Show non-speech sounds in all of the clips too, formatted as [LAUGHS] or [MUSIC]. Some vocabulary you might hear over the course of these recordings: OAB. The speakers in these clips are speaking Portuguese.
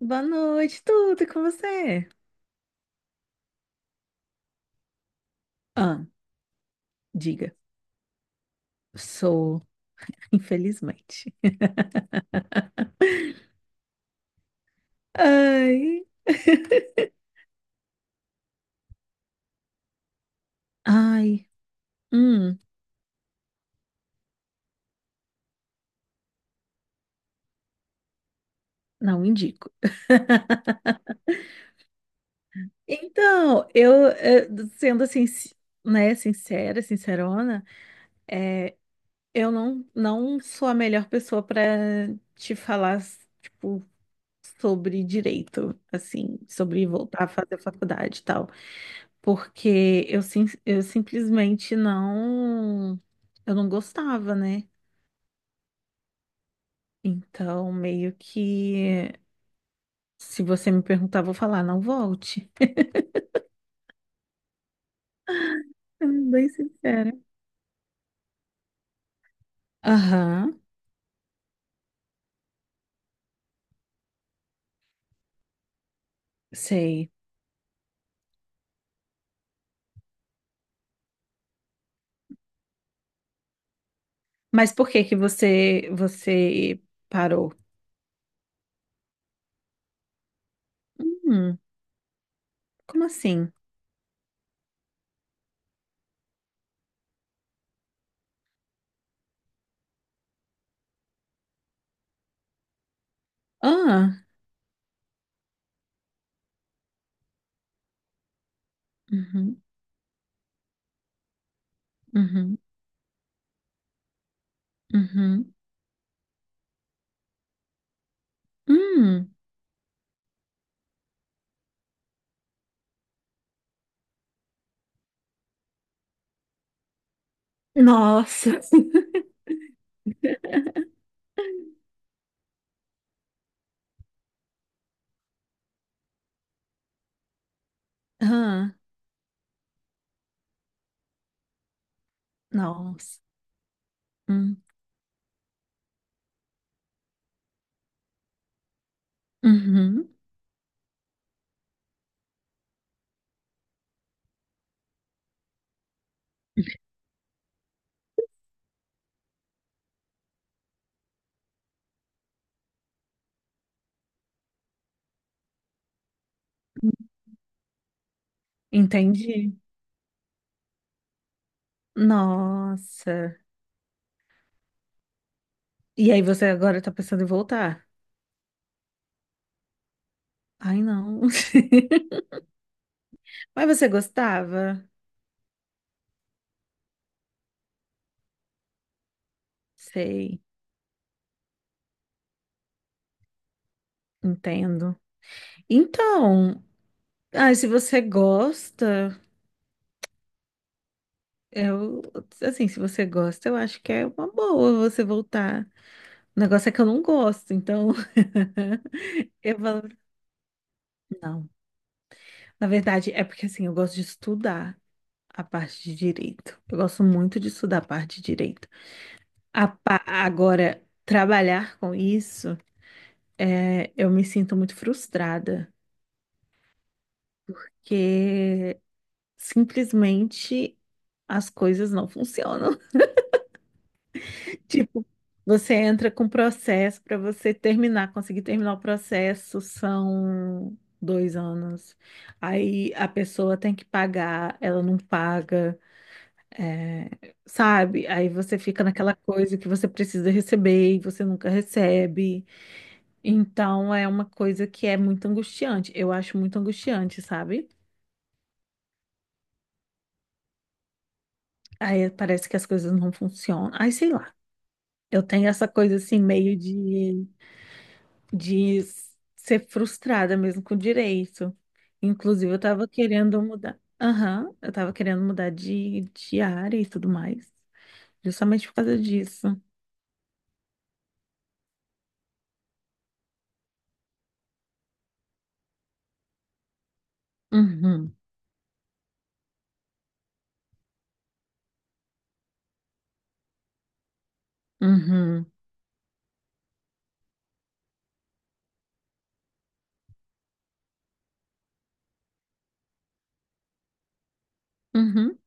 Boa noite, tudo e com você? Ah, diga. Sou, infelizmente. [LAUGHS] Ai. Ai. Hum, não indico. Então, eu, sendo assim, né, sincera, sincerona, eu não sou a melhor pessoa para te falar, tipo, sobre direito, assim, sobre voltar a fazer faculdade e tal. Porque eu, sim, eu simplesmente não, eu não gostava, né? Então, meio que, se você me perguntar, eu vou falar, não volte. [LAUGHS] Sendo bem sincera. Aham, sei. Mas por que que você parou? Hum, como assim? Ah, uhum, uhum, uhum, hum, Nossa. [LAUGHS] Ah, nossa, hum, uhum, entendi. Nossa. E aí você agora tá pensando em voltar? Ai, não. [LAUGHS] Mas você gostava? Sei, entendo. Então, ai, se você gosta, eu, assim, se você gosta, eu acho que é uma boa você voltar. O negócio é que eu não gosto, então [LAUGHS] eu falo, não. Na verdade, é porque assim, eu gosto de estudar a parte de direito. Eu gosto muito de estudar a parte de direito. Agora, trabalhar com isso. É, eu me sinto muito frustrada, que simplesmente as coisas não funcionam. [LAUGHS] Tipo, você entra com processo para você terminar, conseguir terminar o processo, são 2 anos. Aí a pessoa tem que pagar, ela não paga, é, sabe? Aí você fica naquela coisa que você precisa receber e você nunca recebe. Então é uma coisa que é muito angustiante. Eu acho muito angustiante, sabe? Aí parece que as coisas não funcionam. Aí sei lá. Eu tenho essa coisa assim, de ser frustrada mesmo com o direito. Inclusive, eu tava querendo mudar. Aham, eu tava querendo mudar de área e tudo mais. Justamente por causa disso. Uhum, uhum, uhum.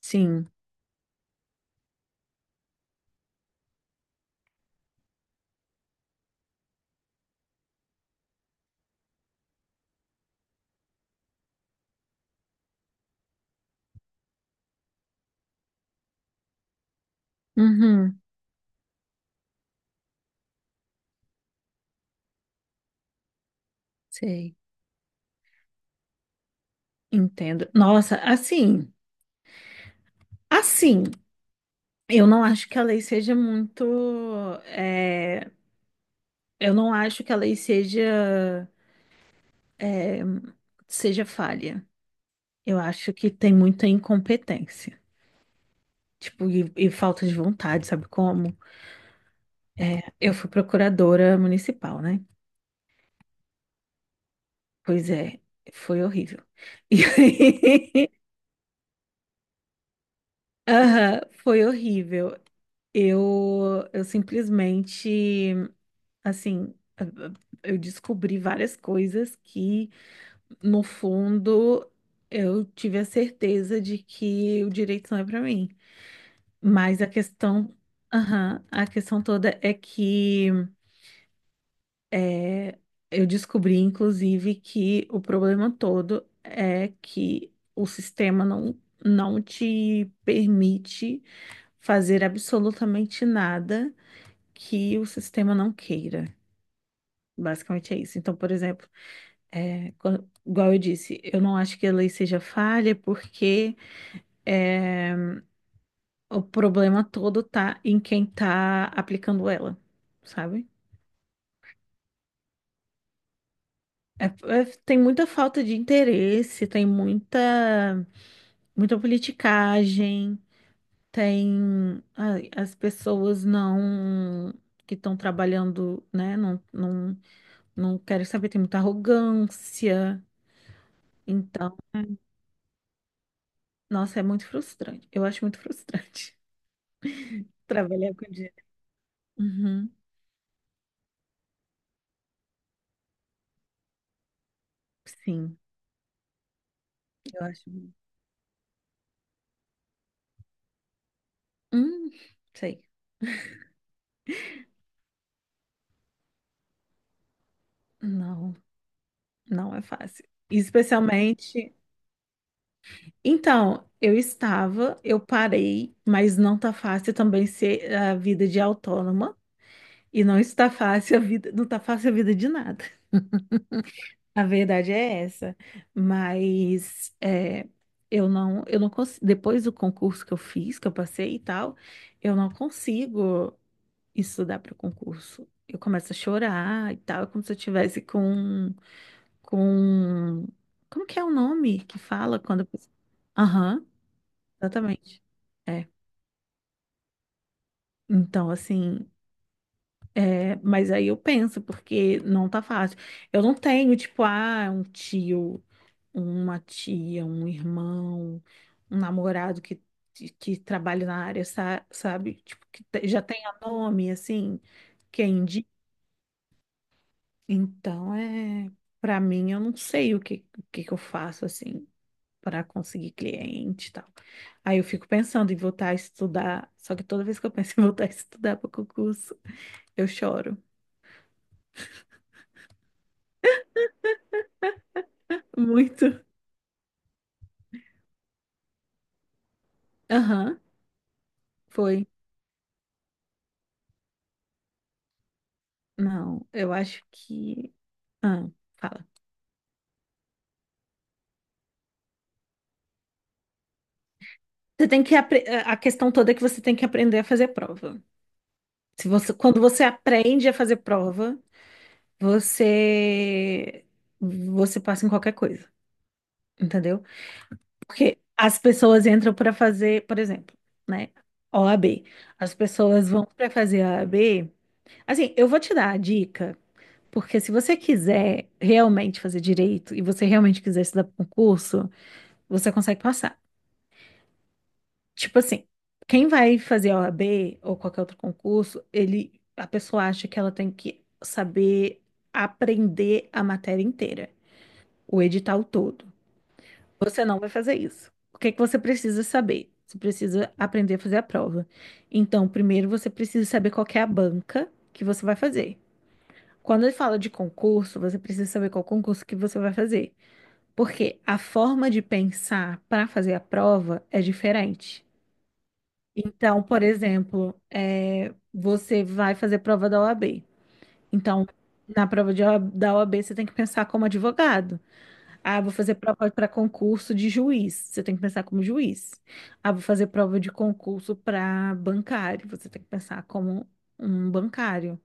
Sim, uhum. Sei. Entendo. Nossa, assim, eu não acho que a lei seja muito. É, eu não acho que a lei seja. eh, seja falha. Eu acho que tem muita incompetência, tipo, e falta de vontade, sabe como? Eu fui procuradora municipal, né? Pois é, foi horrível. [LAUGHS] E aí, aham, foi horrível. Eu simplesmente, assim, eu descobri várias coisas que, no fundo, eu tive a certeza de que o direito não é para mim. Mas a questão, aham, a questão toda é que é, eu descobri, inclusive, que o problema todo é que o sistema não, não te permite fazer absolutamente nada que o sistema não queira. Basicamente é isso. Então, por exemplo, é, igual eu disse, eu não acho que a lei seja falha porque é, o problema todo tá em quem tá aplicando ela, sabe? É- tem muita falta de interesse, tem muita politicagem, tem ai, as pessoas não que estão trabalhando, né? Não, não querem saber, tem muita arrogância. Então, nossa, é muito frustrante. Eu acho muito frustrante [LAUGHS] trabalhar com dinheiro. Uhum, sim, eu acho. Hum, sei. Não, não é fácil. Especialmente. Então, eu estava, eu parei, mas não tá fácil também ser a vida de autônoma e não está fácil a vida, não tá fácil a vida de nada. A verdade é essa. Mas é, eu não consigo, depois do concurso que eu fiz, que eu passei e tal, eu não consigo estudar para o concurso. Eu começo a chorar e tal, é como se eu tivesse com como que é o nome que fala quando a pessoa... Aham, exatamente. É, então, assim, é, mas aí eu penso, porque não tá fácil. Eu não tenho, tipo, ah, um tio, uma tia, um irmão, um namorado que trabalha na área, sabe? Tipo, já tenha nome, assim, que é indi... Então, é, para mim, eu não sei o que que eu faço, assim, para conseguir cliente e tal. Aí eu fico pensando em voltar a estudar, só que toda vez que eu penso em [LAUGHS] voltar a estudar para concurso, eu choro. Muito. Aham, foi. Não, eu acho que. Ah, fala. Você tem que apre... eh, A questão toda é que você tem que aprender a fazer prova. Se você... Quando você aprende a fazer prova, você você passa em qualquer coisa, entendeu? Porque as pessoas entram para fazer, por exemplo, né? OAB. As pessoas vão para fazer a OAB. Assim, eu vou te dar a dica, porque se você quiser realmente fazer direito e você realmente quiser estudar para concurso, você consegue passar. Tipo assim, quem vai fazer a OAB ou qualquer outro concurso, ele, a pessoa acha que ela tem que saber aprender a matéria inteira, o edital todo. Você não vai fazer isso. O que é que você precisa saber? Você precisa aprender a fazer a prova. Então, primeiro você precisa saber qual que é a banca que você vai fazer. Quando ele fala de concurso, você precisa saber qual concurso que você vai fazer. Porque a forma de pensar para fazer a prova é diferente. Então, por exemplo, é, você vai fazer prova da OAB. Então, na prova da OAB, você tem que pensar como advogado. Ah, vou fazer prova para concurso de juiz. Você tem que pensar como juiz. Ah, vou fazer prova de concurso para bancário. Você tem que pensar como um bancário.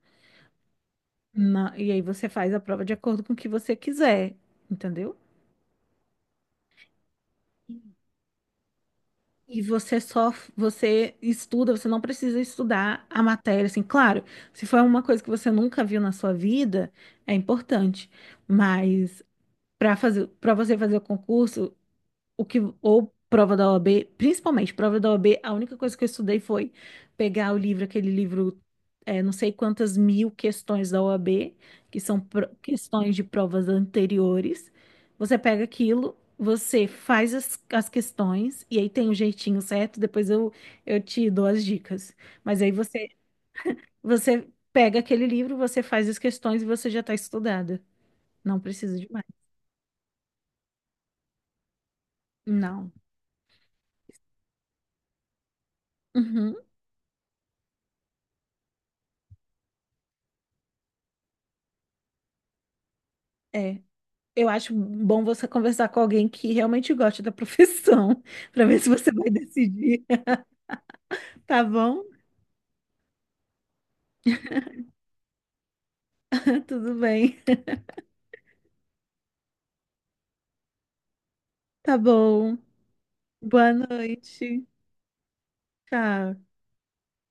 E aí você faz a prova de acordo com o que você quiser, entendeu? E você só, você estuda, você não precisa estudar a matéria, assim, claro, se for uma coisa que você nunca viu na sua vida, é importante, mas para fazer, para você fazer o concurso, o que ou prova da OAB, principalmente prova da OAB, a única coisa que eu estudei foi pegar o livro, aquele livro, é, não sei quantas mil questões da OAB, que são questões de provas anteriores. Você pega aquilo, você faz as questões, e aí tem o jeitinho certo, depois eu te dou as dicas. Mas aí você pega aquele livro, você faz as questões e você já está estudada. Não precisa de mais. Não. Uhum, é. Eu acho bom você conversar com alguém que realmente goste da profissão, [LAUGHS] para ver se você vai decidir. Tá bom? Tudo bem. Tá bom. Boa noite. Tchau.